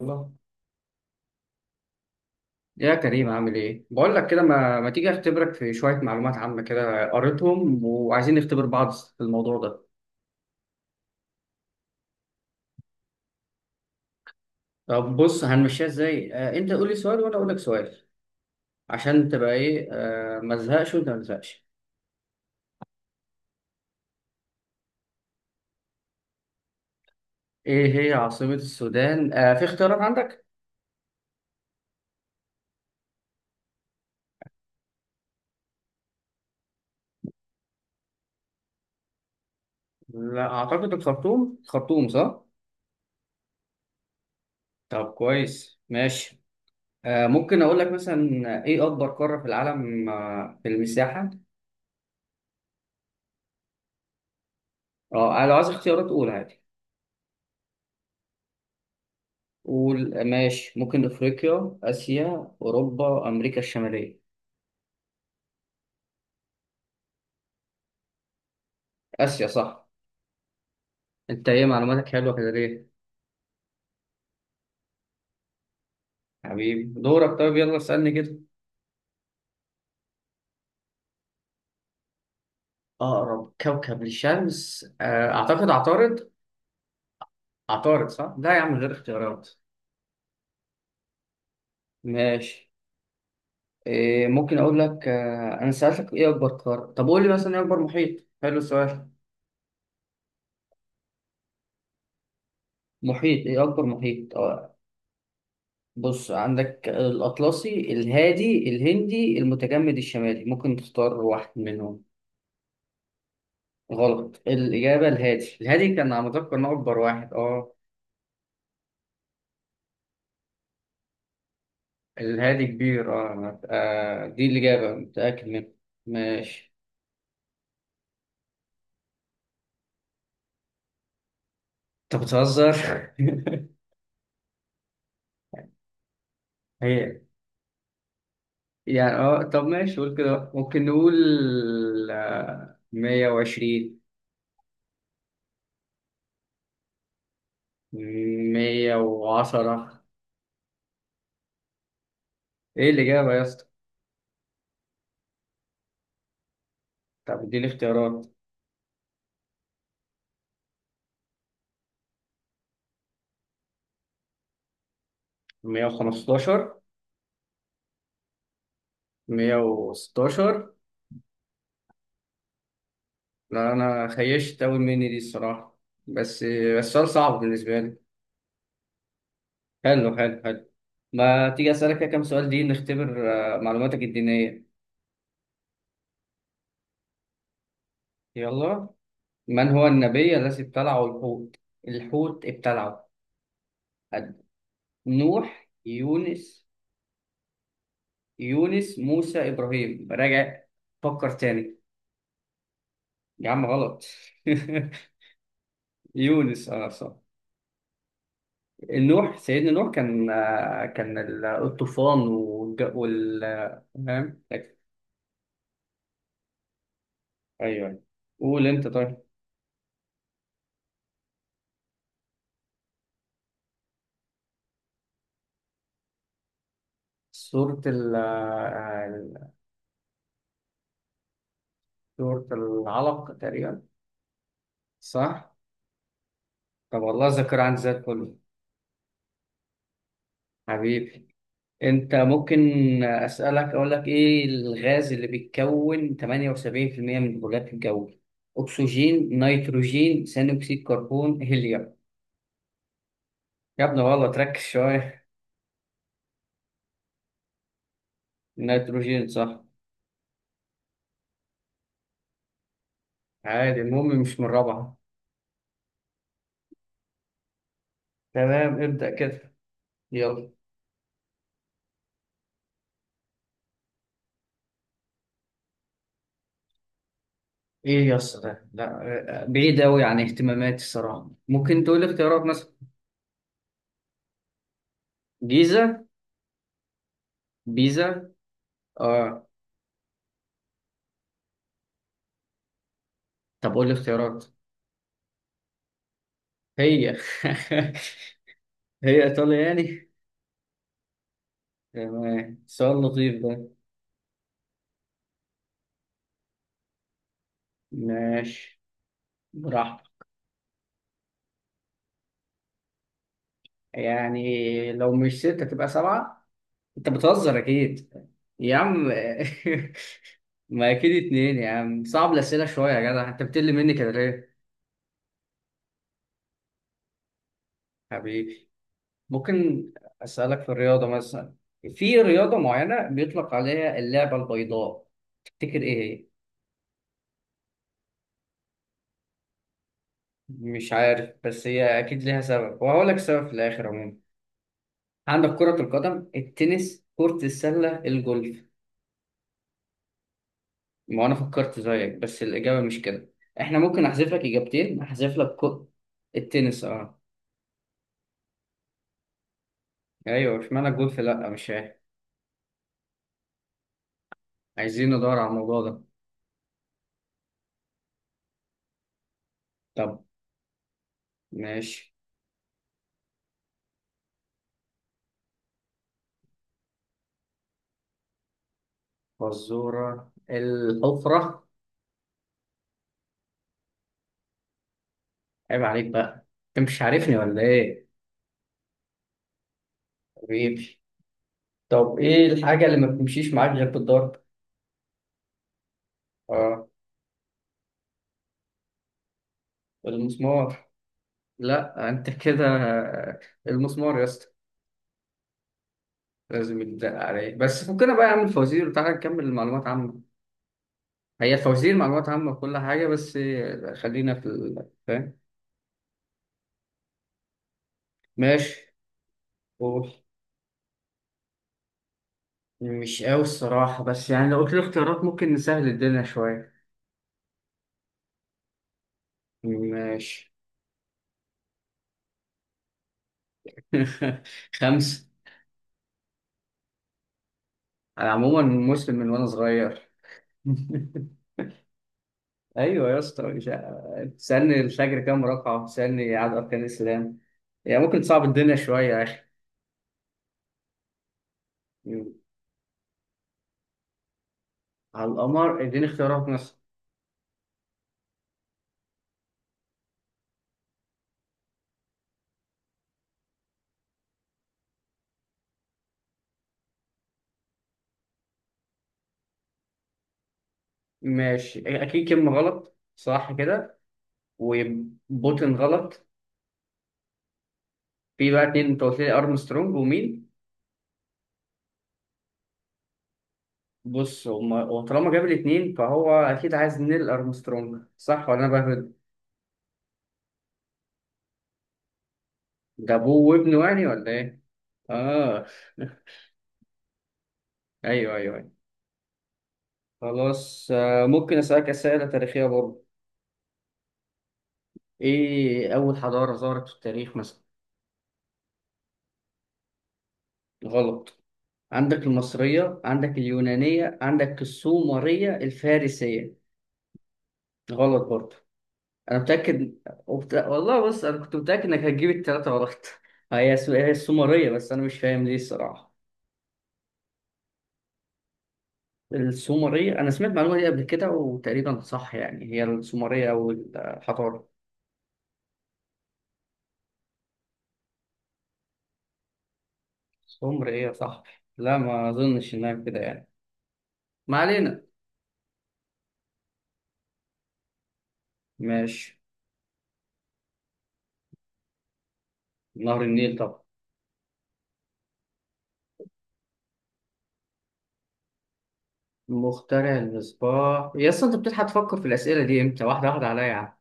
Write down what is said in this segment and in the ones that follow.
الله يا كريم عامل ايه؟ بقول لك كده ما تيجي اختبرك في شوية معلومات عامة كده قريتهم وعايزين نختبر بعض في الموضوع ده. طب بص هنمشيها ازاي؟ انت قول لي سؤال وانا اقول لك سؤال عشان تبقى ايه ما تزهقش وانت ما تزهقش. ايه هي عاصمة السودان؟ في اختيارات عندك؟ لا اعتقد الخرطوم، الخرطوم صح؟ طب كويس ماشي. ممكن اقول لك مثلا ايه اكبر قارة في العالم في المساحة؟ اه لو عايز اختيارات قول عادي. قول ماشي ممكن افريقيا اسيا اوروبا امريكا الشماليه اسيا صح. انت ايه معلوماتك حلوه كده ليه؟ حبيبي دورك، طيب يلا اسالني كده. اقرب كوكب للشمس اعتقد عطارد. عطارد صح، لا يا عم غير اختيارات. ماشي. إيه ممكن اقول لك انا سالتك ايه اكبر قاره، طب قول لي مثلا ايه اكبر محيط، حلو السؤال. محيط، ايه اكبر محيط بص عندك الاطلسي الهادي الهندي المتجمد الشمالي، ممكن تختار واحد منهم. غلط، الإجابة الهادي، الهادي كان على ما أتذكر إنه أكبر واحد. أه الهادي كبير، أه أنا- آه، دي الإجابة متأكد منها. ماشي. أنت بتهزر هي يعني طب ماشي، قول كده، ممكن نقول مية وعشرين. مية وعشرة. إيه الإجابة يا اسطى؟ طب إديني اختيارات. مية وخمستاشر. مية وستاشر. لا أنا خيشت أوي مني دي الصراحة، بس سؤال صعب بالنسبة لي. حلو حلو حلو. ما تيجي أسألك كده كام سؤال دي، نختبر معلوماتك الدينية. يلا. من هو النبي الذي ابتلعه الحوت؟ الحوت ابتلعه أد- نوح، يونس، يونس موسى إبراهيم، راجع، فكر تاني. يا عم غلط. يونس اه صح. نوح، سيدنا نوح كان كان الطوفان والج- وال آه، فاهم. ايوه قول انت طيب. سورة ال آه، سورة العلق تقريبا. صح؟ طب والله الذاكرة عندي زي الفل. حبيبي أنت، ممكن أسألك أقول لك إيه الغاز اللي بيتكون 78% من الغلاف الجوي؟ أكسجين، نيتروجين، ثاني أكسيد كربون، هيليوم. يا ابني والله تركز شوية. نيتروجين صح. عادي المهم مش من رابعة. تمام ابدأ كده. يلا. إيه يا اسطى ده؟ لا بعيد أوي عن اهتماماتي الصراحة، ممكن تقول لي اختيارات مثلا. جيزة. بيزا. آه. طب قول لي اختيارات. هي هي ايطاليا يعني. تمام سؤال لطيف ده. ماشي براحتك. يعني لو مش ستة تبقى سبعة، انت بتهزر اكيد. يا عم ما اكيد اتنين يا عم، صعب الاسئلة شوية يا جدع، انت بتقل مني كده ليه؟ حبيبي، ممكن اسألك في الرياضة مثلا، في رياضة معينة بيطلق عليها اللعبة البيضاء، تفتكر ايه هي؟ مش عارف بس هي اكيد ليها سبب وهقول لك سبب في الاخر عموما. عندك كرة القدم، التنس، كرة السلة، الجولف. ما أنا فكرت زيك بس الإجابة مش كده. إحنا ممكن أحذف لك إجابتين، أحذف لك التنس أه. أيوه إشمعنى الجولف لأ، مش عارف. عايزين ندور على الموضوع ده. طب ماشي. فزورة الحفرة. عيب عليك بقى، أنت مش عارفني ولا إيه؟ حبيبي. طب إيه الحاجة اللي ما بتمشيش معاك غير بالضرب؟ أه المسمار. لأ أنت كده المسمار يا اسطى، لازم يتدق عليه. بس فكنا بقى يا عم الفوازير وتعالى نكمل المعلومات عامة. هي الفوازير معلومات عامة وكل حاجة بس، خلينا في فاهم. ماشي قول. مش قوي الصراحة بس يعني لو قلت لي اختيارات ممكن نسهل الدنيا شوية. ماشي. خمسة. أنا عموما مسلم من وأنا صغير. أيوة يا اسطى، مش تسألني الفجر كام ركعة تسألني عدد أركان الإسلام، يعني ممكن تصعب الدنيا شوية يا أخي. على القمر، اديني اختيارات مثلا. ماشي إيه، اكيد كلمه غلط صح كده، وبوتين غلط. في بقى اتنين، انت قلت لي ارمسترونج ومين؟ بص هما، وطالما جاب الاتنين فهو اكيد عايز نيل ارمسترونج، صح ولا انا بهبد؟ ده ابوه وابنه يعني ولا ايه؟ اه. ايوه ايوه ايوه. خلاص ممكن اسالك اسئله تاريخيه برضه. ايه اول حضاره ظهرت في التاريخ مثلا؟ غلط. عندك المصريه، عندك اليونانيه، عندك السومريه، الفارسيه. غلط برضه. انا متاكد. والله بص انا كنت متاكد انك هتجيب الثلاثه غلط. هي هي السومريه، بس انا مش فاهم ليه الصراحه. السومريه انا سمعت المعلومه دي قبل كده وتقريبا صح يعني، هي السومريه او الحضاره السومريه صح. لا ما اظنش انها كده يعني. ما علينا. ماشي. نهر النيل طبعا. مخترع المصباح يا اسطى، انت بتلحق تفكر في الاسئله دي امتى، واحده واحده عليا يا عم.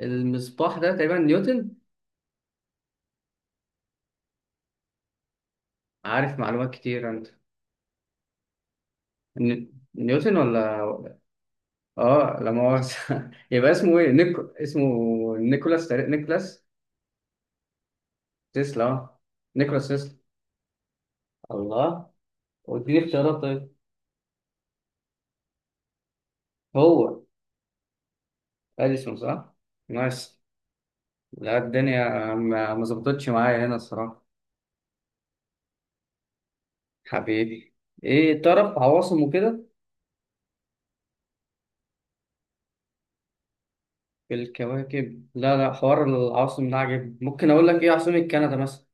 المصباح ده تقريبا نيوتن. عارف معلومات كتير انت. نيوتن ولا؟ اه لا مؤاخذة. يبقى اسمه ايه، اسمه نيكولاس، نيكولاس تسلا. اه نيكولاس تسلا. الله. واديني اختيارات طيب. هو اديسون صح؟ نايس. لا الدنيا ما ظبطتش معايا هنا الصراحة. حبيبي. ايه تعرف عواصم وكده؟ في الكواكب، لا لا، حوار العواصم ده عجب، ممكن اقول لك ايه عاصمة كندا مثلا.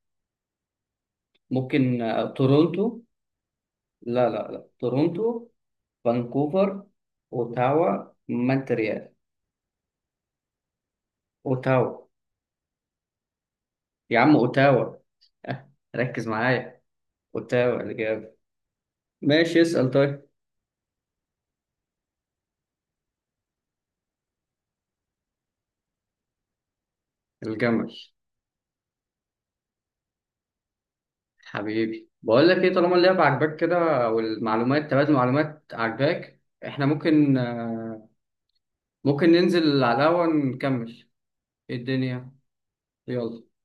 ممكن تورونتو، لا لا لا، تورونتو فانكوفر اوتاوا مونتريال. اوتاوا. يا عم اوتاوا ركز معايا. اوتاوا الإجابة. ماشي اسأل طيب. الجمل. حبيبي بقول لك ايه، طالما اللعبة عجباك كده والمعلومات، تبادل معلومات عجباك، احنا ممكن ممكن ننزل على القهوة نكمل، إيه الدنيا؟ يلا.